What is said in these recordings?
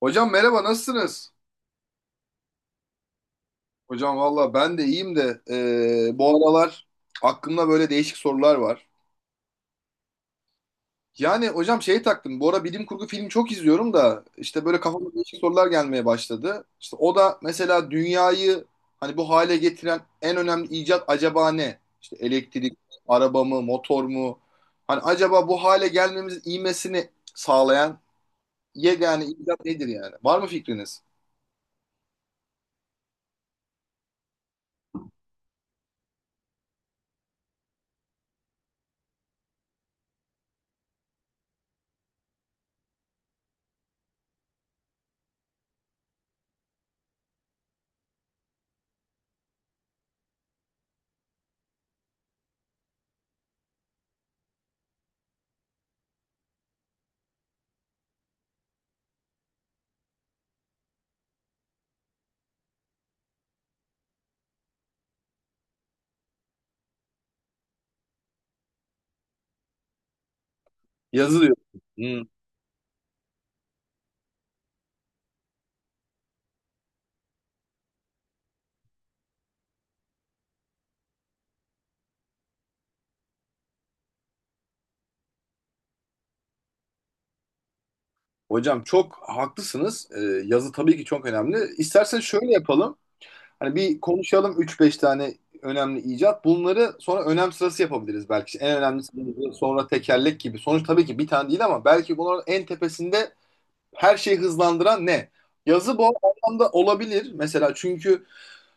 Hocam, merhaba, nasılsınız? Hocam, valla ben de iyiyim de, bu aralar aklımda böyle değişik sorular var. Yani hocam, şey taktım, bu ara bilim kurgu filmi çok izliyorum da işte böyle kafama değişik sorular gelmeye başladı. İşte o da mesela dünyayı hani bu hale getiren en önemli icat acaba ne? İşte elektrik, araba mı, motor mu? Hani acaba bu hale gelmemiz ivmesini sağlayan yegane icat nedir yani? Var mı fikriniz? Yazılıyor. Hocam, çok haklısınız. Yazı tabii ki çok önemli. İstersen şöyle yapalım. Hani bir konuşalım üç beş tane önemli icat. Bunları sonra önem sırası yapabiliriz belki. İşte en önemlisi, sonra tekerlek gibi. Sonuç tabii ki bir tane değil ama belki bunların en tepesinde her şeyi hızlandıran ne? Yazı bu anlamda olabilir. Mesela, çünkü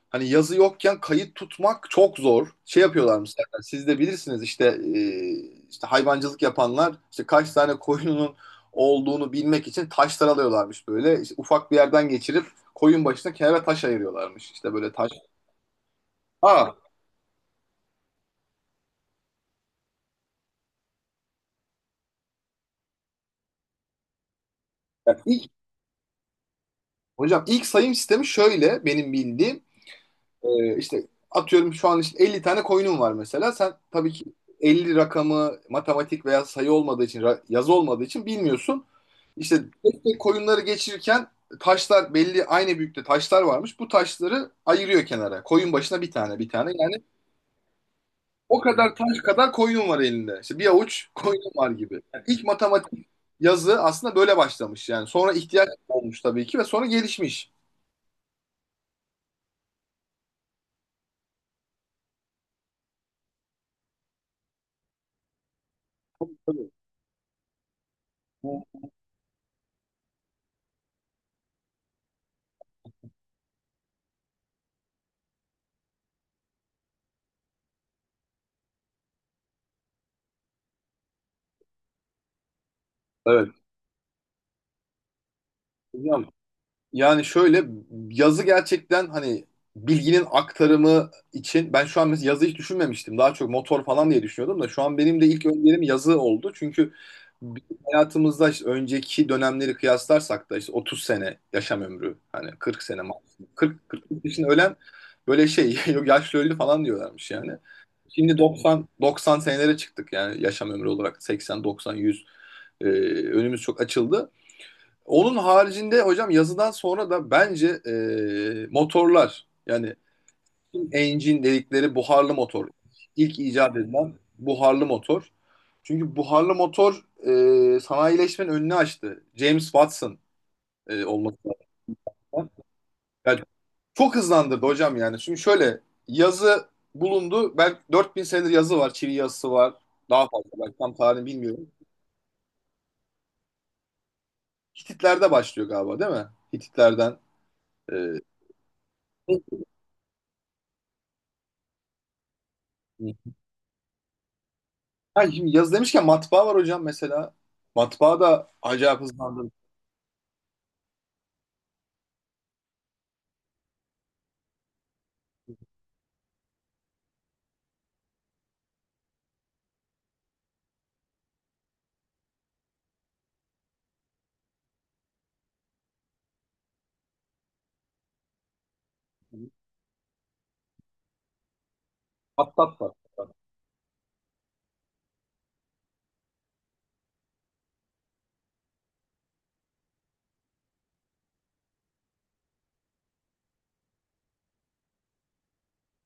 hani yazı yokken kayıt tutmak çok zor. Şey yapıyorlarmış zaten. Siz de bilirsiniz işte, işte hayvancılık yapanlar işte kaç tane koyunun olduğunu bilmek için taşlar alıyorlarmış böyle. İşte ufak bir yerden geçirip koyun başına kenara taş ayırıyorlarmış. İşte böyle taş. Aa, yani ilk, hocam, ilk sayım sistemi şöyle, benim bildiğim. İşte atıyorum, şu an işte 50 tane coin'um var mesela. Sen tabii ki 50 rakamı, matematik veya sayı olmadığı için, yazı olmadığı için bilmiyorsun. İşte tek tek coin'ları geçirirken, taşlar belli, aynı büyüklükte taşlar varmış. Bu taşları ayırıyor kenara, koyun başına bir tane bir tane. Yani o kadar taş kadar coin'um var elinde. İşte bir avuç coin'um var gibi. Yani ilk matematik, yazı aslında böyle başlamış. Yani sonra ihtiyaç olmuş tabii ki ve sonra gelişmiş. Tabii. Evet. Hocam, yani şöyle, yazı gerçekten hani bilginin aktarımı için, ben şu an mesela yazı hiç düşünmemiştim. Daha çok motor falan diye düşünüyordum da şu an benim de ilk önerim yazı oldu. Çünkü bizim hayatımızda işte önceki dönemleri kıyaslarsak da, işte 30 sene yaşam ömrü, hani 40 sene maksimum. 40 40 yaşında ölen, böyle şey yok, yaşlı öldü falan diyorlarmış yani. Şimdi 90 90 senelere çıktık, yani yaşam ömrü olarak 80 90 100. Ee, önümüz çok açıldı. Onun haricinde hocam, yazıdan sonra da bence motorlar, yani engine dedikleri, buharlı motor. İlk icat edilen buharlı motor. Çünkü buharlı motor sanayileşmenin önünü açtı. James Watson olması lazım. Yani çok hızlandırdı hocam yani. Şimdi şöyle, yazı bulundu. Belki 4000 senedir yazı var. Çivi yazısı var. Daha fazla, belki tam tarihini bilmiyorum. Hititler'de başlıyor galiba, değil mi? Hititlerden. e, Ha, şimdi yazı demişken, matbaa var hocam mesela. Matbaa da acayip hızlandırdı. Atlat var.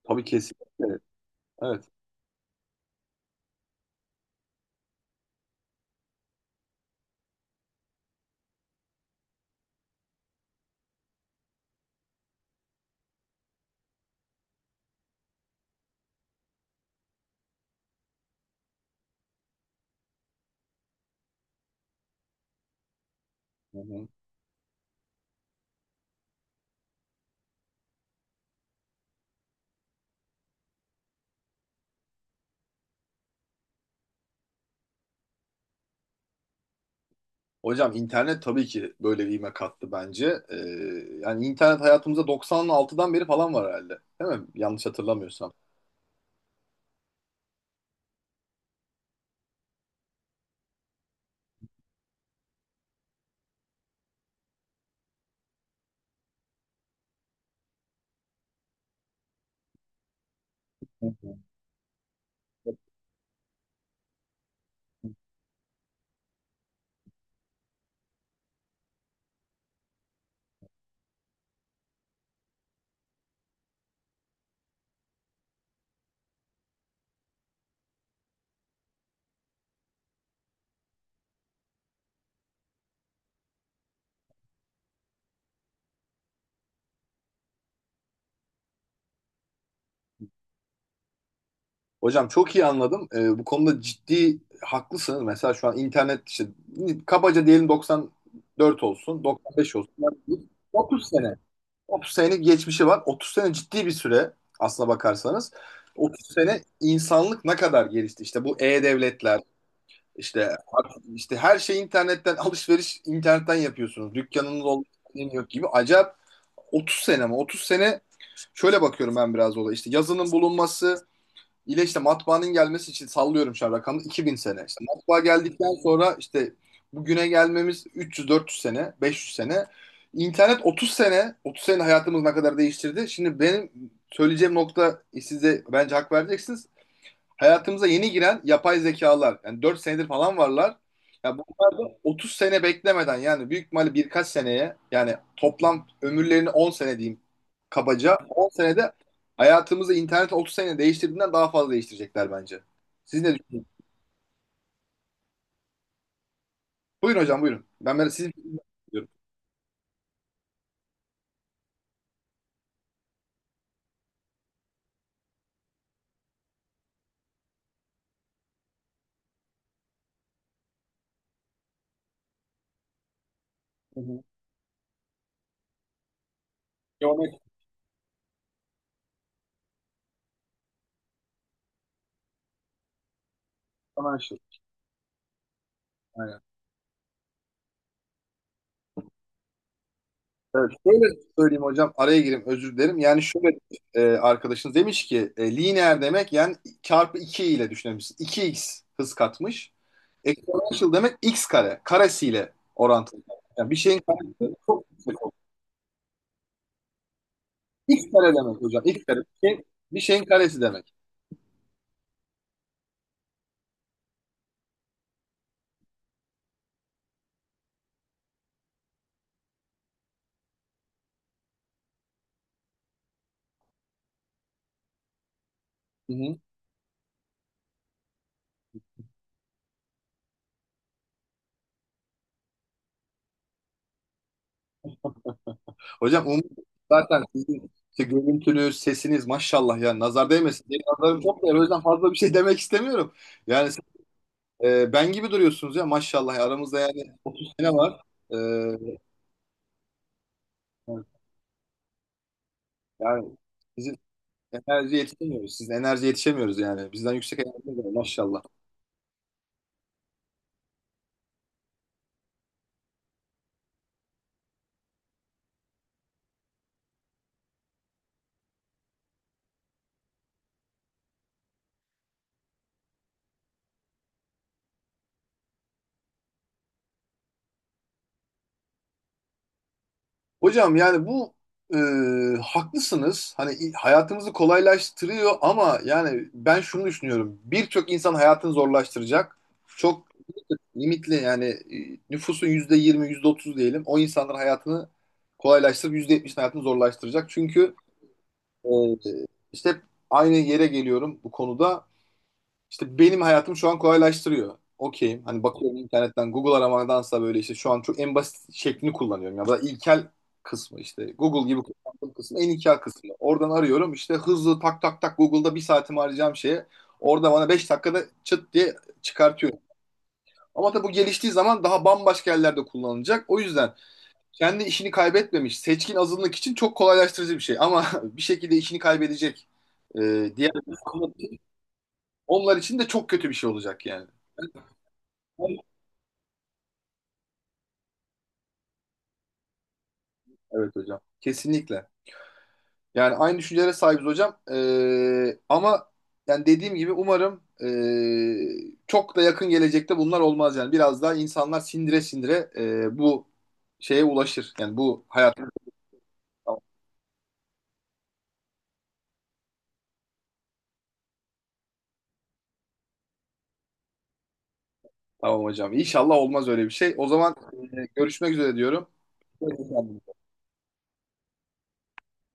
Tabii, kesinlikle. Evet. Hı hı. Hocam, internet tabii ki böyle bir ivme kattı bence. Yani internet hayatımızda 96'dan beri falan var herhalde. Değil mi? Yanlış hatırlamıyorsam. Hı hı. Hocam, çok iyi anladım. Bu konuda ciddi haklısınız. Mesela şu an internet işte kabaca diyelim 94 olsun, 95 olsun. Yani 30 sene. 30 senelik geçmişi var. 30 sene ciddi bir süre aslına bakarsanız. 30 sene insanlık ne kadar gelişti? İşte bu e-devletler, işte işte her şey internetten, alışveriş internetten yapıyorsunuz. Dükkanınız olmuyor, yok gibi. Acayip. 30 sene mi? 30 sene. Şöyle bakıyorum ben biraz olaya. İşte yazının bulunması ile işte matbaanın gelmesi için, sallıyorum şu an rakamı, 2000 sene. İşte matbaa geldikten sonra işte bugüne gelmemiz 300-400 sene, 500 sene. İnternet 30 sene, 30 sene hayatımız ne kadar değiştirdi. Şimdi benim söyleyeceğim nokta, size bence hak vereceksiniz. Hayatımıza yeni giren yapay zekalar. Yani 4 senedir falan varlar. Ya bunlar da 30 sene beklemeden, yani büyük ihtimalle birkaç seneye, yani toplam ömürlerini 10 sene diyeyim kabaca. 10 senede hayatımızı, internet 30 sene değiştirdiğinden daha fazla değiştirecekler bence. Siz ne düşünüyorsunuz? Buyurun hocam, buyurun. Ben böyle sizi dinliyorum. Hı hı. Geometrik şey. Aynen. Evet, şöyle söyleyeyim hocam, araya gireyim, özür dilerim. Yani şöyle, arkadaşınız demiş ki, lineer demek, yani çarpı 2 ile düşünebilirsin. 2x hız katmış. Exponential demek x kare. Karesiyle orantılı. Yani bir şeyin karesi çok yüksek olur. X kare demek hocam. X kare. Bir şeyin karesi demek. Hı hı. Hocam, zaten sizin işte görüntünüz, sesiniz maşallah, yani nazar değmesin diye, nazarım çok değer. O yüzden fazla bir şey demek istemiyorum. Yani, ben gibi duruyorsunuz ya maşallah ya. Aramızda yani 30 sene var. Ee, yani bizim enerji yetişemiyoruz. Sizin enerji yetişemiyoruz yani. Bizden yüksek enerji var maşallah. Hocam, yani bu e, haklısınız. Hani hayatımızı kolaylaştırıyor ama yani ben şunu düşünüyorum. Birçok insan hayatını zorlaştıracak. Çok limitli, yani nüfusun %20, %30 diyelim. O insanların hayatını kolaylaştırıp %70'in hayatını zorlaştıracak. Çünkü Ee, işte hep aynı yere geliyorum bu konuda. İşte benim hayatım şu an kolaylaştırıyor. Okeyim. Hani bakıyorum, internetten Google aramadansa, böyle işte şu an çok en basit şeklini kullanıyorum. Ya da ilkel kısmı işte. Google gibi kullandığım kısım, en ilkel kısmı. Oradan arıyorum işte, hızlı tak tak tak, Google'da bir saatimi harcayacağım şeye. Orada bana 5 dakikada çıt diye çıkartıyor. Ama tabii bu geliştiği zaman daha bambaşka yerlerde kullanılacak. O yüzden kendi işini kaybetmemiş seçkin azınlık için çok kolaylaştırıcı bir şey. Ama bir şekilde işini kaybedecek e, diğer insanlar için, onlar için de çok kötü bir şey olacak yani. Evet hocam. Kesinlikle. Yani aynı düşüncelere sahibiz hocam. Ama yani dediğim gibi umarım çok da yakın gelecekte bunlar olmaz yani. Biraz daha insanlar sindire sindire bu şeye ulaşır. Yani bu hayat. Tamam, tamam hocam. İnşallah olmaz öyle bir şey. O zaman görüşmek üzere diyorum. Hoşçakalın.